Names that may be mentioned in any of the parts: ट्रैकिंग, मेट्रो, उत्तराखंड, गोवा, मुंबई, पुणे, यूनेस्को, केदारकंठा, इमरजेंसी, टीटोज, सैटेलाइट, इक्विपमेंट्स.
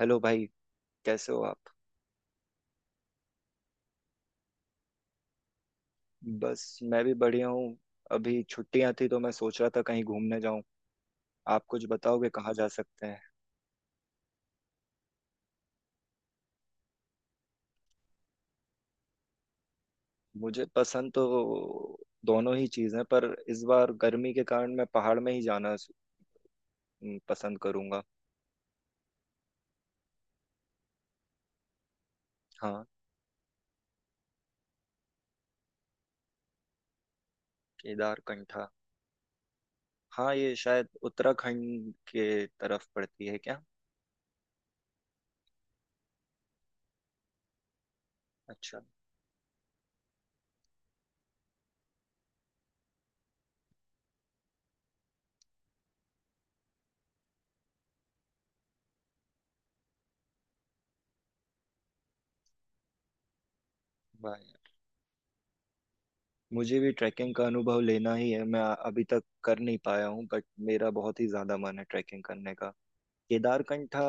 Hello भाई। कैसे हो आप। बस मैं भी बढ़िया हूँ। अभी छुट्टियां थी तो मैं सोच रहा था कहीं घूमने जाऊं। आप कुछ बताओगे कहाँ जा सकते हैं। मुझे पसंद तो दोनों ही चीज़ें, पर इस बार गर्मी के कारण मैं पहाड़ में ही पसंद करूंगा। हाँ। केदारकंठा। हाँ, ये शायद उत्तराखंड के तरफ पड़ती है क्या। अच्छा। वाह यार। मुझे भी ट्रैकिंग का अनुभव लेना ही है, मैं अभी तक कर नहीं पाया हूँ बट मेरा बहुत ही ज्यादा मन है ट्रैकिंग करने का। केदारकंठा।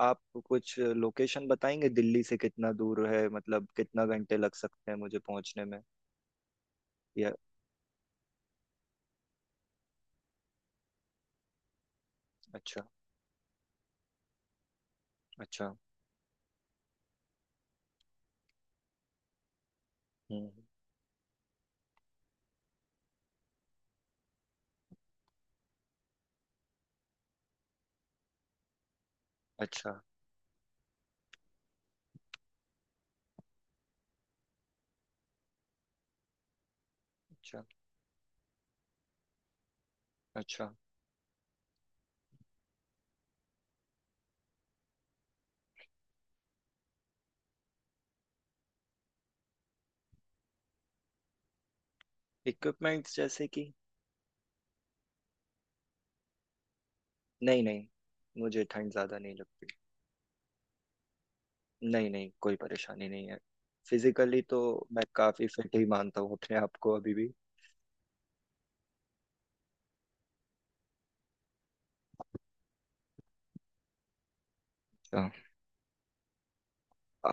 आप कुछ लोकेशन बताएंगे दिल्ली से कितना दूर है, मतलब कितना घंटे लग सकते हैं मुझे पहुंचने में। या। अच्छा। अच्छा। हम्म। अच्छा। अच्छा। अच्छा। इक्विपमेंट्स जैसे कि। नहीं नहीं, मुझे ठंड ज़्यादा नहीं लगती। नहीं नहीं, कोई परेशानी नहीं है। फिजिकली तो मैं काफ़ी फिट ही मानता हूँ अपने आप को अभी भी। अच्छा। आ-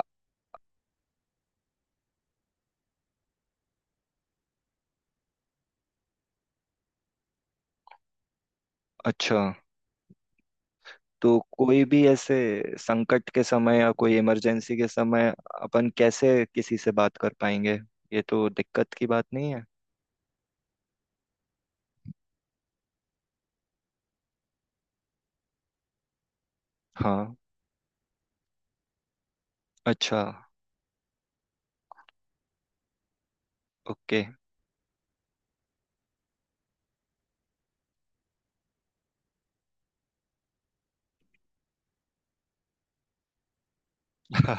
अच्छा, तो कोई भी ऐसे संकट के समय या कोई इमरजेंसी के समय अपन कैसे किसी से बात कर पाएंगे। ये तो दिक्कत की बात नहीं है। हाँ। अच्छा। ओके।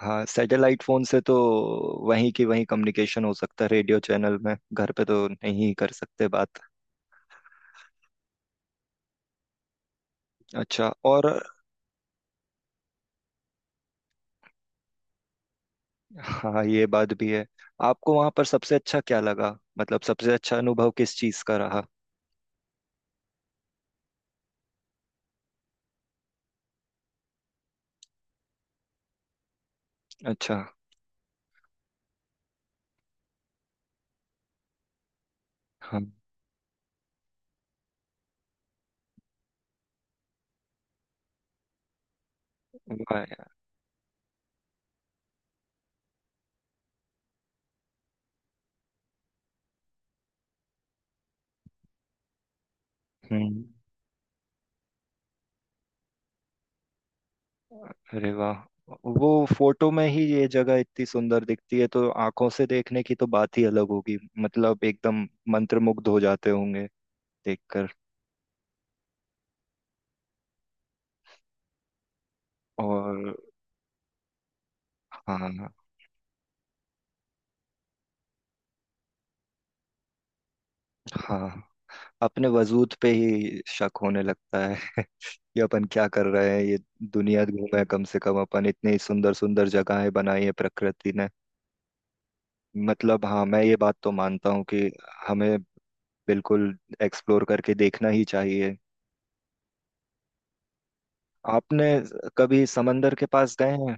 हाँ, सैटेलाइट फोन से तो वहीं की वहीं कम्युनिकेशन हो सकता है, रेडियो चैनल में, घर पे तो नहीं कर सकते बात। अच्छा, और। हाँ ये बात भी है। आपको वहां पर सबसे अच्छा क्या लगा, मतलब सबसे अच्छा अनुभव किस चीज का रहा। अच्छा। हाँ। वाह यार। हम्म। अरे वाह। वो फोटो में ही ये जगह इतनी सुंदर दिखती है तो आंखों से देखने की तो बात ही अलग होगी। मतलब एकदम मंत्रमुग्ध हो जाते होंगे देखकर। और। हाँ। हाँ, अपने वजूद पे ही शक होने लगता है कि अपन क्या कर रहे हैं ये, दुनिया घूमे कम से कम अपन, इतनी सुंदर सुंदर जगहें बनाई है प्रकृति ने। मतलब हाँ, मैं ये बात तो मानता हूँ कि हमें बिल्कुल एक्सप्लोर करके देखना ही चाहिए। आपने कभी समंदर के पास गए हैं।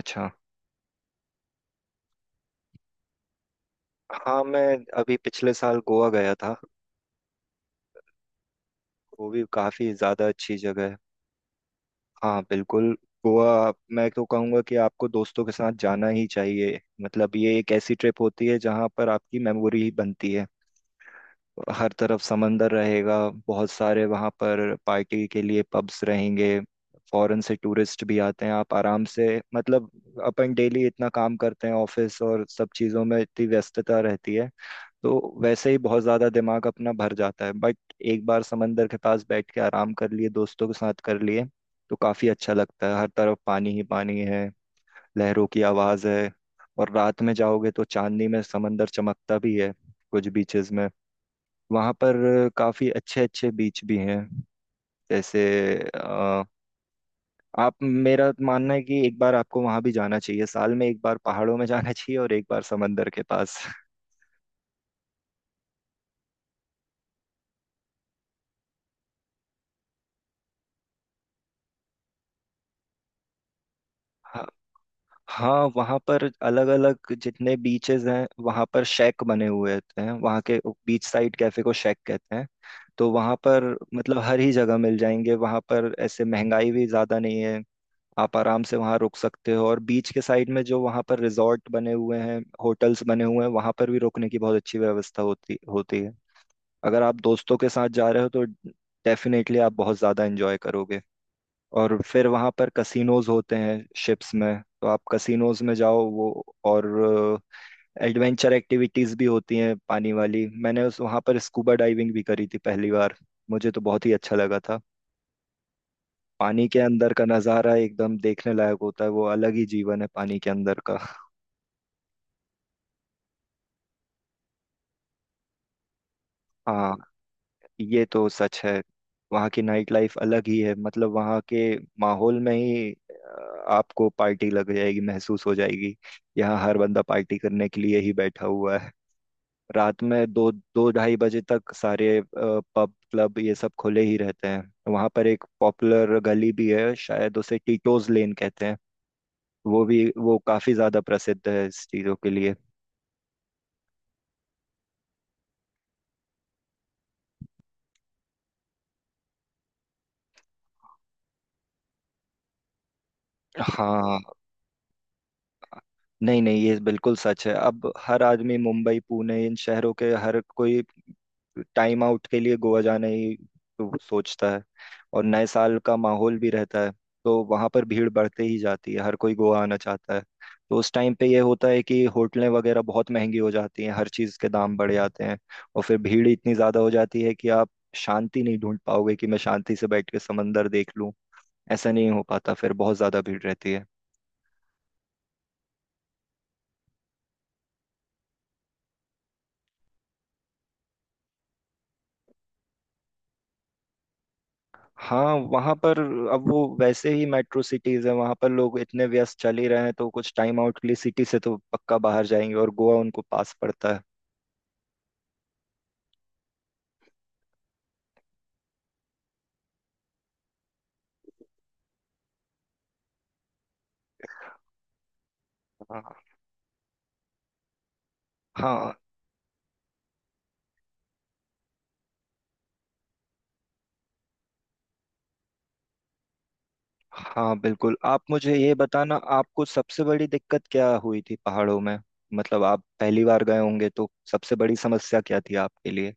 अच्छा। हाँ, मैं अभी पिछले साल गोवा गया था। वो भी काफ़ी ज़्यादा अच्छी जगह है। हाँ बिल्कुल। गोवा, मैं तो कहूँगा कि आपको दोस्तों के साथ जाना ही चाहिए। मतलब ये एक ऐसी ट्रिप होती है जहाँ पर आपकी मेमोरी ही बनती है। हर तरफ समंदर रहेगा। बहुत सारे वहाँ पर पार्टी के लिए पब्स रहेंगे। फॉरेन से टूरिस्ट भी आते हैं। आप आराम से, मतलब, अपन डेली इतना काम करते हैं, ऑफिस और सब चीज़ों में इतनी व्यस्तता रहती है तो वैसे ही बहुत ज़्यादा दिमाग अपना भर जाता है, बट एक बार समंदर के पास बैठ के आराम कर लिए, दोस्तों के साथ कर लिए, तो काफ़ी अच्छा लगता है। हर तरफ पानी ही पानी है, लहरों की आवाज़ है, और रात में जाओगे तो चांदनी में समंदर चमकता भी है कुछ बीचेस में। वहाँ पर काफ़ी अच्छे अच्छे बीच भी हैं, जैसे अ, आप, मेरा मानना है कि एक बार आपको वहाँ भी जाना चाहिए, साल में एक बार पहाड़ों में जाना चाहिए और एक बार समंदर के पास। हाँ। हाँ, वहाँ पर अलग अलग जितने बीचेस हैं वहाँ पर शेक बने हुए होते हैं, वहाँ के बीच साइड कैफे को शेक कहते हैं। तो वहाँ पर, मतलब, हर ही जगह मिल जाएंगे वहाँ पर ऐसे, महंगाई भी ज़्यादा नहीं है। आप आराम से वहाँ रुक सकते हो, और बीच के साइड में जो वहाँ पर रिजॉर्ट बने हुए हैं, होटल्स बने हुए हैं, वहाँ पर भी रुकने की बहुत अच्छी व्यवस्था होती होती है। अगर आप दोस्तों के साथ जा रहे हो तो डेफिनेटली आप बहुत ज़्यादा एंजॉय करोगे। और फिर वहाँ पर कसिनोज होते हैं शिप्स में, तो आप कसिनोज में जाओ वो, और एडवेंचर एक्टिविटीज़ भी होती हैं पानी वाली। मैंने उस वहाँ पर स्कूबा डाइविंग भी करी थी पहली बार, मुझे तो बहुत ही अच्छा लगा था। पानी के अंदर का नज़ारा एकदम देखने लायक होता है, वो अलग ही जीवन है पानी के अंदर का। हाँ, ये तो सच है। वहाँ की नाइट लाइफ अलग ही है, मतलब वहाँ के माहौल में ही आपको पार्टी लग जाएगी, महसूस हो जाएगी। यहाँ हर बंदा पार्टी करने के लिए ही बैठा हुआ है। रात में दो दो ढाई बजे तक सारे पब क्लब ये सब खुले ही रहते हैं। वहाँ पर एक पॉपुलर गली भी है, शायद उसे टीटोज लेन कहते हैं। वो भी, वो काफी ज्यादा प्रसिद्ध है इस चीजों के लिए। हाँ। नहीं नहीं, ये बिल्कुल सच है। अब हर आदमी मुंबई पुणे इन शहरों के, हर कोई टाइम आउट के लिए गोवा जाने ही तो सोचता है। और नए साल का माहौल भी रहता है तो वहां पर भीड़ बढ़ते ही जाती है, हर कोई गोवा आना चाहता है। तो उस टाइम पे ये होता है कि होटलें वगैरह बहुत महंगी हो जाती हैं, हर चीज़ के दाम बढ़ जाते हैं, और फिर भीड़ इतनी ज़्यादा हो जाती है कि आप शांति नहीं ढूंढ पाओगे कि मैं शांति से बैठ के समंदर देख लूं। ऐसा नहीं हो पाता, फिर बहुत ज़्यादा भीड़ रहती है। हाँ, वहां पर अब वो वैसे ही मेट्रो सिटीज है, वहां पर लोग इतने व्यस्त चल ही रहे हैं तो कुछ टाइम आउट के लिए सिटी से तो पक्का बाहर जाएंगे, और गोवा उनको पास पड़ता है। हाँ। हाँ। हाँ बिल्कुल, आप मुझे ये बताना, आपको सबसे बड़ी दिक्कत क्या हुई थी पहाड़ों में, मतलब आप पहली बार गए होंगे तो सबसे बड़ी समस्या क्या थी आपके लिए।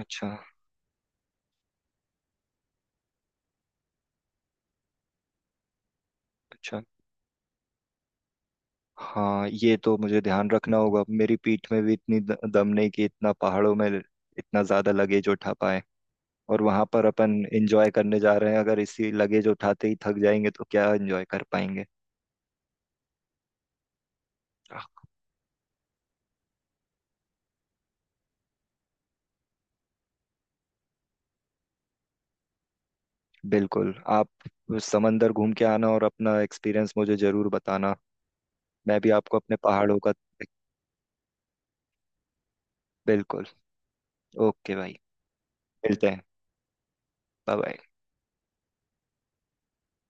अच्छा। अच्छा, हाँ ये तो मुझे ध्यान रखना होगा, मेरी पीठ में भी इतनी दम नहीं कि इतना पहाड़ों में इतना ज्यादा लगेज उठा पाए। और वहां पर अपन एंजॉय करने जा रहे हैं, अगर इसी लगेज उठाते ही थक जाएंगे तो क्या एंजॉय कर पाएंगे। बिल्कुल। आप उस समंदर घूम के आना और अपना एक्सपीरियंस मुझे जरूर बताना, मैं भी आपको अपने पहाड़ों का। बिल्कुल। ओके भाई। मिलते हैं। Bye bye.